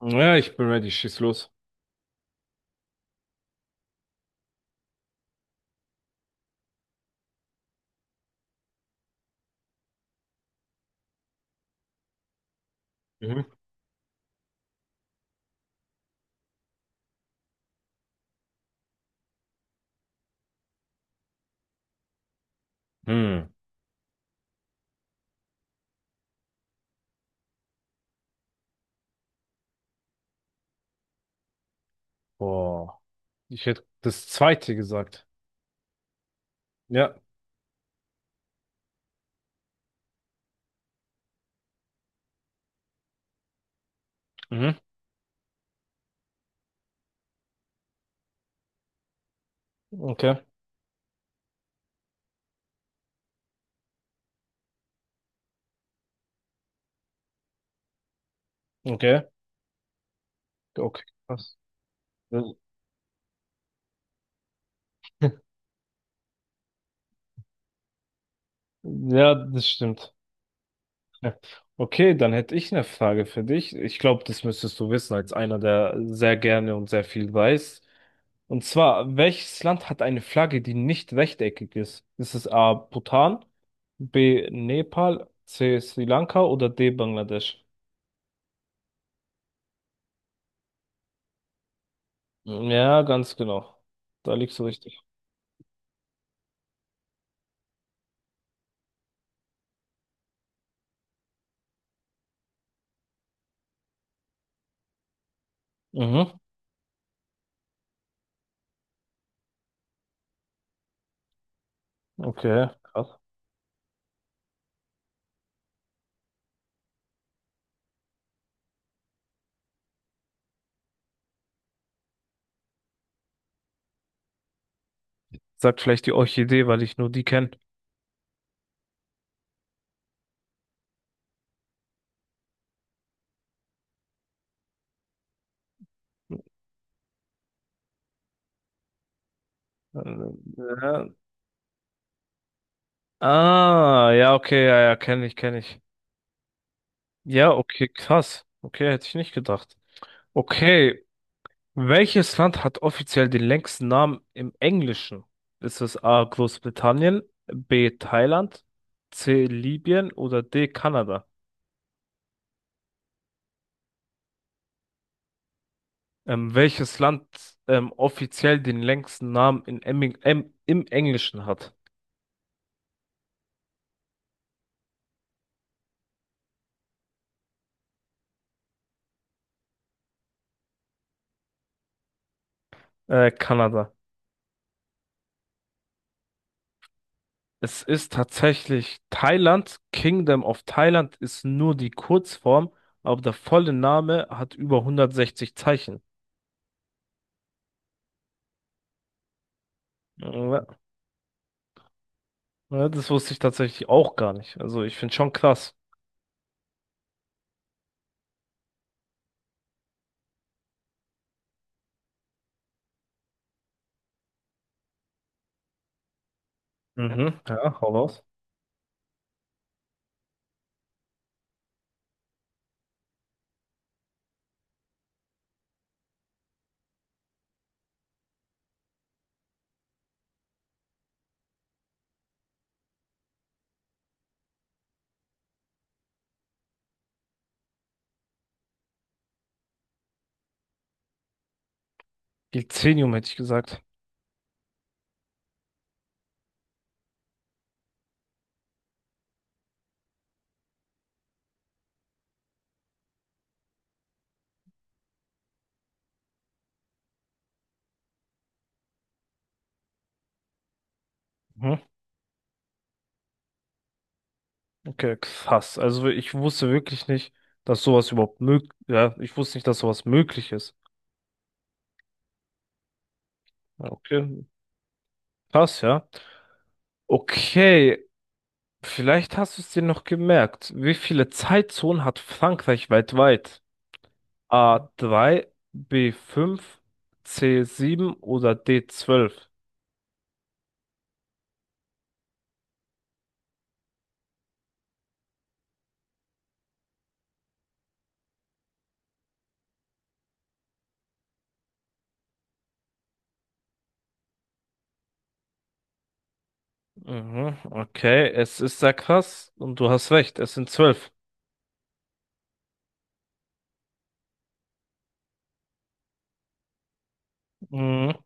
Ja, ich bin ready, schieß los. Mhm. Hm. Boah. Ich hätte das zweite gesagt. Ja. Mhm. Okay. Okay. Okay. Krass. Ja, das stimmt. Ja, okay, dann hätte ich eine Frage für dich. Ich glaube, das müsstest du wissen, als einer, der sehr gerne und sehr viel weiß. Und zwar, welches Land hat eine Flagge, die nicht rechteckig ist? Ist es A. Bhutan, B. Nepal, C. Sri Lanka oder D. Bangladesch? Hm, ja, ganz genau. Da liegst du richtig. Mhm. Okay, krass. Sagt vielleicht die Orchidee, weil ich nur die kenne. Ja. Ah, ja, okay, ja, ja, kenne ich, kenne ich. Ja, okay, krass. Okay, hätte ich nicht gedacht. Okay, welches Land hat offiziell den längsten Namen im Englischen? Ist es A, Großbritannien, B, Thailand, C, Libyen oder D, Kanada? Welches Land offiziell den längsten Namen in im Englischen hat? Kanada. Es ist tatsächlich Thailand. Kingdom of Thailand ist nur die Kurzform, aber der volle Name hat über 160 Zeichen. Ja, ja, das wusste ich tatsächlich auch gar nicht. Also ich finde schon krass. Mhm. Ja, hau raus. Gilzenium hätte ich gesagt. Mhm. Okay, krass. Also ich wusste wirklich nicht, dass sowas überhaupt möglich, ja, ich wusste nicht, dass sowas möglich ist. Ja, okay, krass, ja. Okay, vielleicht hast du es dir noch gemerkt. Wie viele Zeitzonen hat Frankreich weltweit? A drei, B fünf, C sieben oder D zwölf? Mhm, okay, es ist sehr krass und du hast recht, es sind zwölf. Mhm.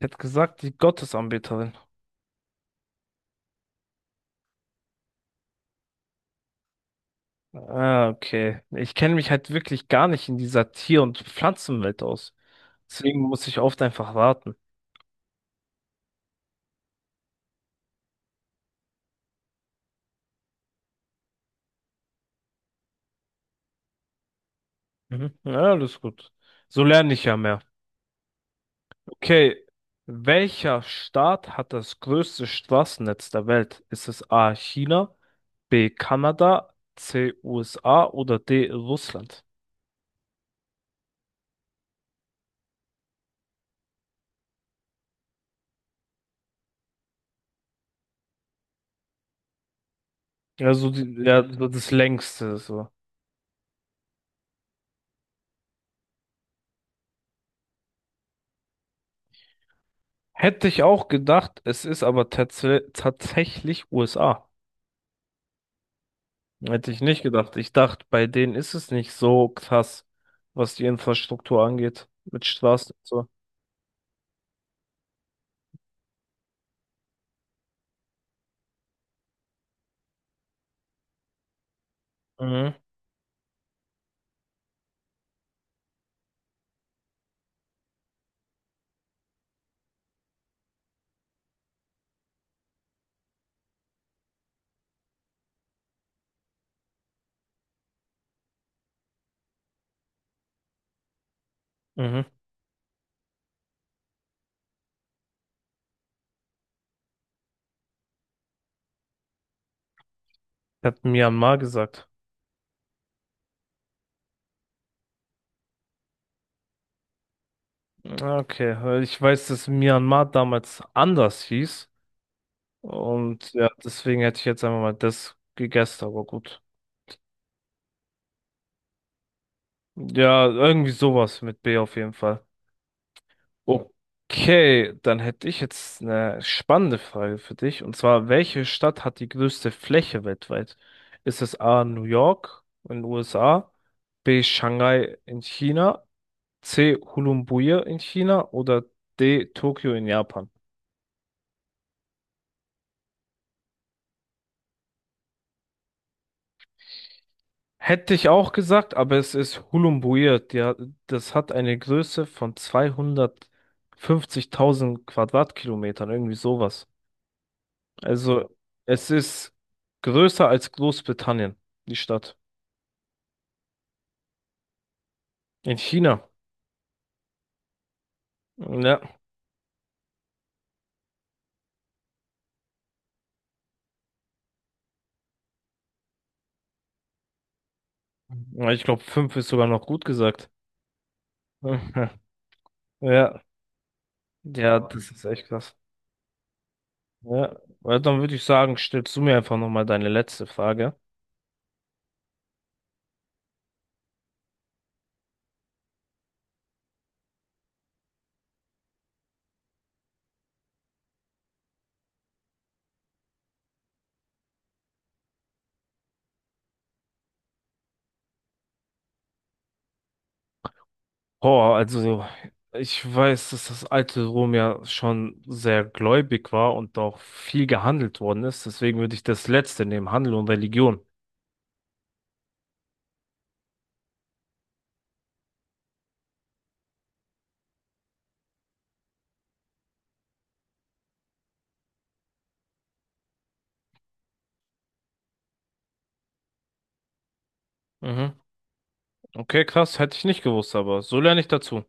Ich hätte gesagt, die Gottesanbeterin. Ah, okay. Ich kenne mich halt wirklich gar nicht in dieser Tier- und Pflanzenwelt aus. Deswegen muss ich oft einfach warten. Mhm. Ja, alles gut. So lerne ich ja mehr. Okay, welcher Staat hat das größte Straßennetz der Welt? Ist es A. China, B. Kanada, C. USA oder D. Russland? Also die, ja, so das längste so. Hätte ich auch gedacht, es ist aber tatsächlich USA. Hätte ich nicht gedacht. Ich dachte, bei denen ist es nicht so krass, was die Infrastruktur angeht, mit Straßen und so. Mhm, mhm. Hat Myanmar gesagt. Okay, weil ich weiß, dass Myanmar damals anders hieß. Und ja, deswegen hätte ich jetzt einfach mal das gegessen, aber gut. Ja, irgendwie sowas mit B auf jeden Fall. Okay, dann hätte ich jetzt eine spannende Frage für dich. Und zwar, welche Stadt hat die größte Fläche weltweit? Ist es A, New York in den USA, B, Shanghai in China, C, Ulumbui in China oder D, Tokio in Japan? Hätte ich auch gesagt, aber es ist Hulumbuir. Das hat eine Größe von 250.000 Quadratkilometern, irgendwie sowas. Also es ist größer als Großbritannien, die Stadt. In China. Ja, ja, ich glaube, fünf ist sogar noch gut gesagt. Ja, ja, das ist echt krass. Ja, weil dann würde ich sagen, stellst du mir einfach nochmal deine letzte Frage. Oh, also ich weiß, dass das alte Rom ja schon sehr gläubig war und auch viel gehandelt worden ist. Deswegen würde ich das Letzte nehmen, Handel und Religion. Mhm. Okay, krass, hätte ich nicht gewusst, aber so lerne ich dazu.